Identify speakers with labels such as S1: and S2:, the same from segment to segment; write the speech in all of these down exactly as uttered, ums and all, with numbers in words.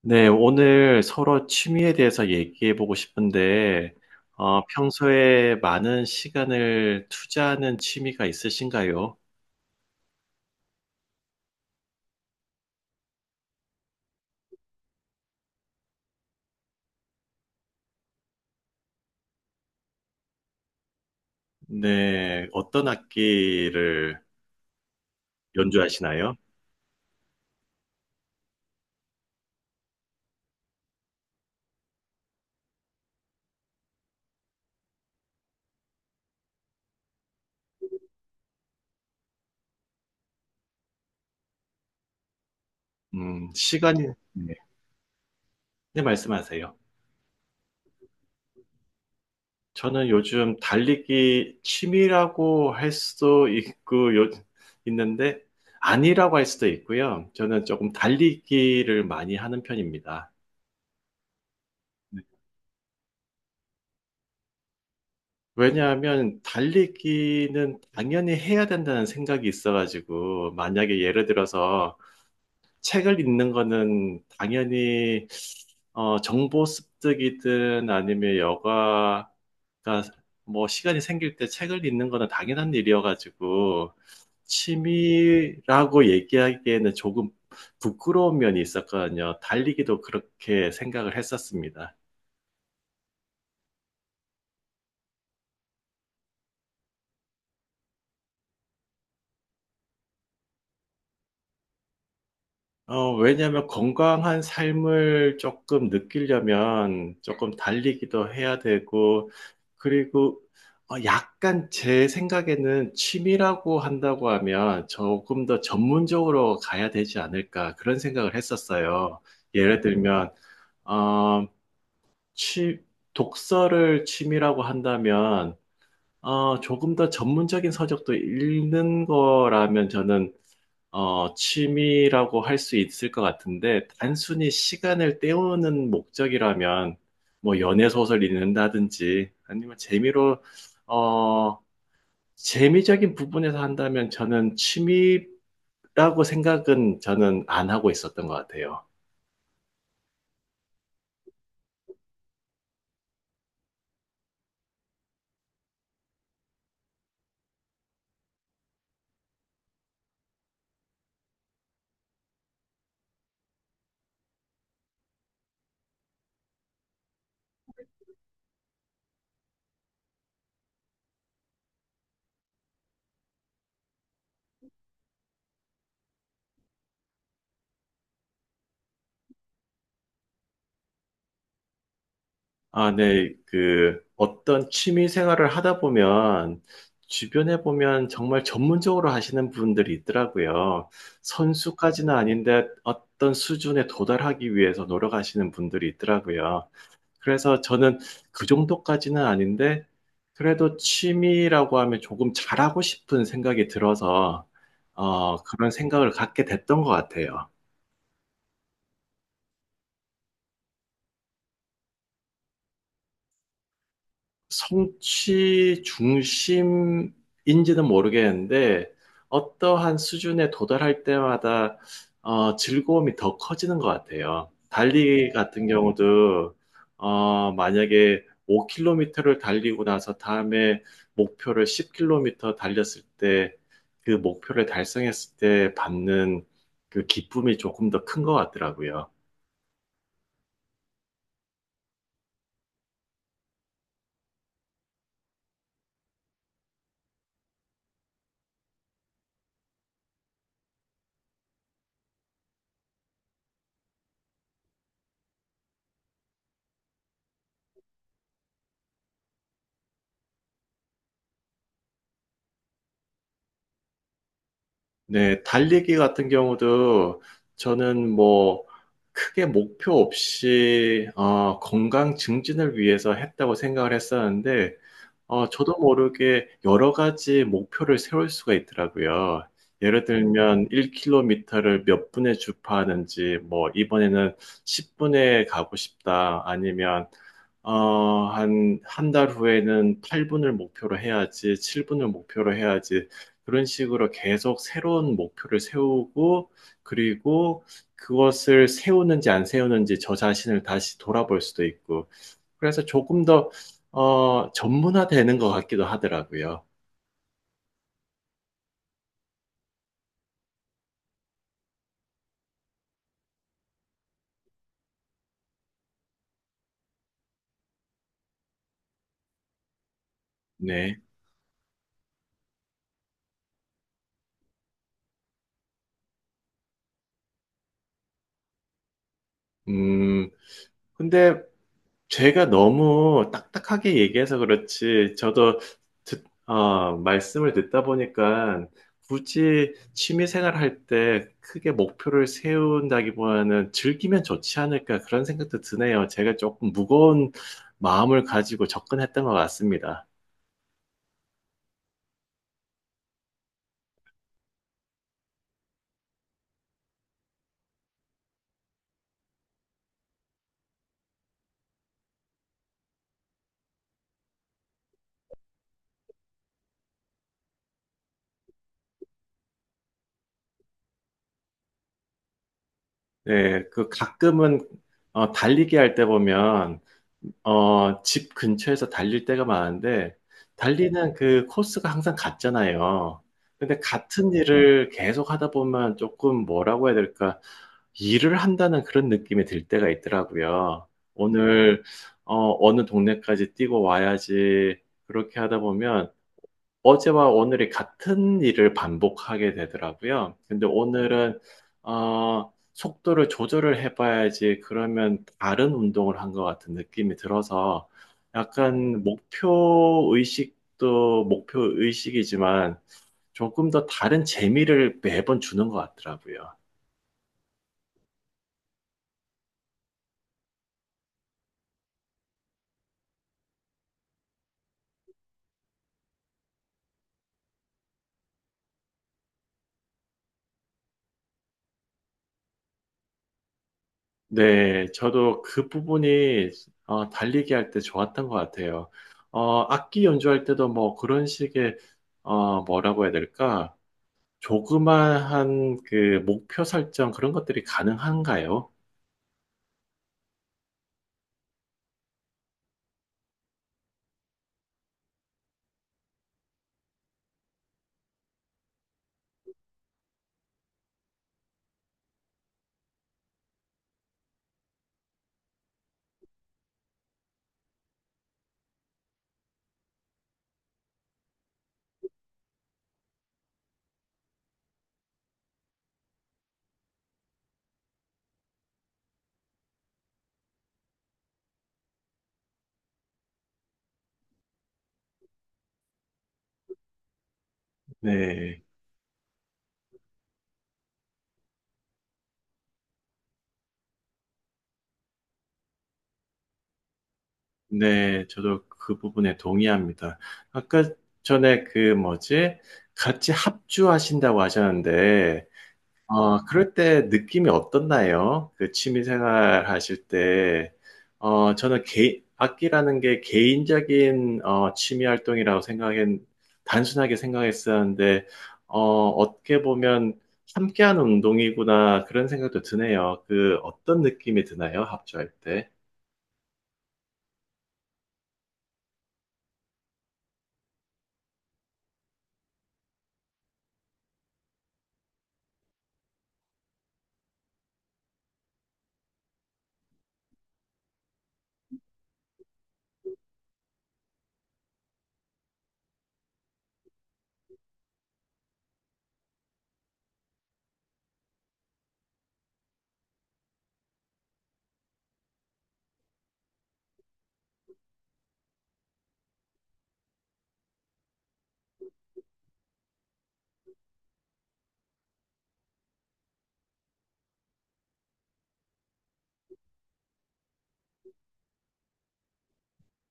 S1: 네, 오늘 서로 취미에 대해서 얘기해 보고 싶은데, 어, 평소에 많은 시간을 투자하는 취미가 있으신가요? 네, 어떤 악기를 연주하시나요? 음, 시간이, 네, 네, 말씀하세요. 저는 요즘 달리기 취미라고 할 수도 있고, 요- 있는데, 아니라고 할 수도 있고요. 저는 조금 달리기를 많이 하는 편입니다. 왜냐하면 달리기는 당연히 해야 된다는 생각이 있어가지고, 만약에 예를 들어서 책을 읽는 거는 당연히 어, 정보 습득이든 아니면 여가가 뭐 시간이 생길 때 책을 읽는 거는 당연한 일이어가지고, 취미라고 얘기하기에는 조금 부끄러운 면이 있었거든요. 달리기도 그렇게 생각을 했었습니다. 어, 왜냐하면 건강한 삶을 조금 느끼려면 조금 달리기도 해야 되고, 그리고 어, 약간 제 생각에는 취미라고 한다고 하면 조금 더 전문적으로 가야 되지 않을까 그런 생각을 했었어요. 예를 들면, 어, 취, 독서를 취미라고 한다면, 어, 조금 더 전문적인 서적도 읽는 거라면 저는 어, 취미라고 할 수 있을 것 같은데, 단순히 시간을 때우는 목적이라면, 뭐, 연애 소설 읽는다든지, 아니면 재미로, 어, 재미적인 부분에서 한다면 저는 취미라고 생각은 저는 안 하고 있었던 것 같아요. 아, 네. 그 어떤 취미 생활을 하다 보면 주변에 보면 정말 전문적으로 하시는 분들이 있더라고요. 선수까지는 아닌데 어떤 수준에 도달하기 위해서 노력하시는 분들이 있더라고요. 그래서 저는 그 정도까지는 아닌데 그래도 취미라고 하면 조금 잘하고 싶은 생각이 들어서 어, 그런 생각을 갖게 됐던 것 같아요. 성취 중심인지는 모르겠는데, 어떠한 수준에 도달할 때마다 어, 즐거움이 더 커지는 것 같아요. 달리기 같은 경우도 어, 만약에 오 킬로미터를 달리고 나서 다음에 목표를 십 킬로미터 달렸을 때 그 목표를 달성했을 때 받는 그 기쁨이 조금 더 큰 것 같더라고요. 네, 달리기 같은 경우도 저는 뭐 크게 목표 없이 어, 건강 증진을 위해서 했다고 생각을 했었는데 어, 저도 모르게 여러 가지 목표를 세울 수가 있더라고요. 예를 들면 일 킬로미터를 몇 분에 주파하는지, 뭐 이번에는 십 분에 가고 싶다, 아니면 어, 한, 한 달 후에는 팔 분을 목표로 해야지, 칠 분을 목표로 해야지, 그런 식으로 계속 새로운 목표를 세우고, 그리고 그것을 세우는지 안 세우는지 저 자신을 다시 돌아볼 수도 있고, 그래서 조금 더, 어, 전문화되는 것 같기도 하더라고요. 네. 음, 근데 제가 너무 딱딱하게 얘기해서 그렇지, 저도 듣, 어, 말씀을 듣다 보니까 굳이 취미 생활할 때 크게 목표를 세운다기보다는 즐기면 좋지 않을까 그런 생각도 드네요. 제가 조금 무거운 마음을 가지고 접근했던 것 같습니다. 네, 그 가끔은 어, 달리기 할 때 보면 어, 집 근처에서 달릴 때가 많은데 달리는 그 코스가 항상 같잖아요. 근데 같은 일을 계속 하다 보면 조금 뭐라고 해야 될까? 일을 한다는 그런 느낌이 들 때가 있더라고요. 오늘 어, 어느 동네까지 뛰고 와야지. 그렇게 하다 보면 어제와 오늘이 같은 일을 반복하게 되더라고요. 근데 오늘은 어, 속도를 조절을 해봐야지 그러면 다른 운동을 한 것 같은 느낌이 들어서 약간 목표 의식도 목표 의식이지만 조금 더 다른 재미를 매번 주는 것 같더라고요. 네, 저도 그 부분이 어, 달리기 할 때 좋았던 것 같아요. 어, 악기 연주할 때도 뭐 그런 식의 어, 뭐라고 해야 될까? 조그마한 그 목표 설정 그런 것들이 가능한가요? 네. 네, 저도 그 부분에 동의합니다. 아까 전에 그 뭐지? 같이 합주하신다고 하셨는데 어, 그럴 때 느낌이 어떻나요? 그 취미 생활 하실 때, 어, 저는 개, 악기라는 게 개인적인 어, 취미 활동이라고 생각했, 단순하게 생각했었는데, 어, 어떻게 보면 함께하는 운동이구나, 그런 생각도 드네요. 그 어떤 느낌이 드나요? 합주할 때?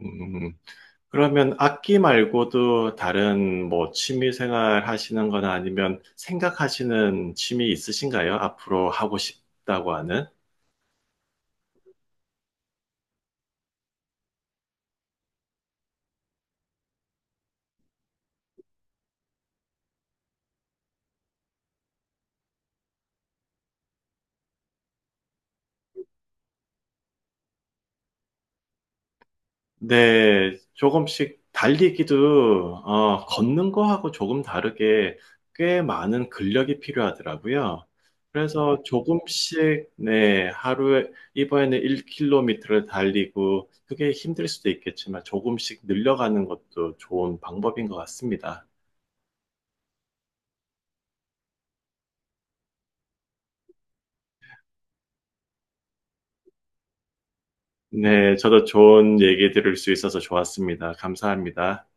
S1: 음, 그러면 악기 말고도 다른 뭐 취미 생활 하시는 거나 아니면 생각하시는 취미 있으신가요? 앞으로 하고 싶다고 하는? 네, 조금씩 달리기도, 어, 걷는 거하고 조금 다르게 꽤 많은 근력이 필요하더라고요. 그래서 조금씩, 네, 하루에, 이번에는 일 킬로미터를 달리고, 그게 힘들 수도 있겠지만 조금씩 늘려가는 것도 좋은 방법인 것 같습니다. 네, 저도 좋은 얘기 들을 수 있어서 좋았습니다. 감사합니다.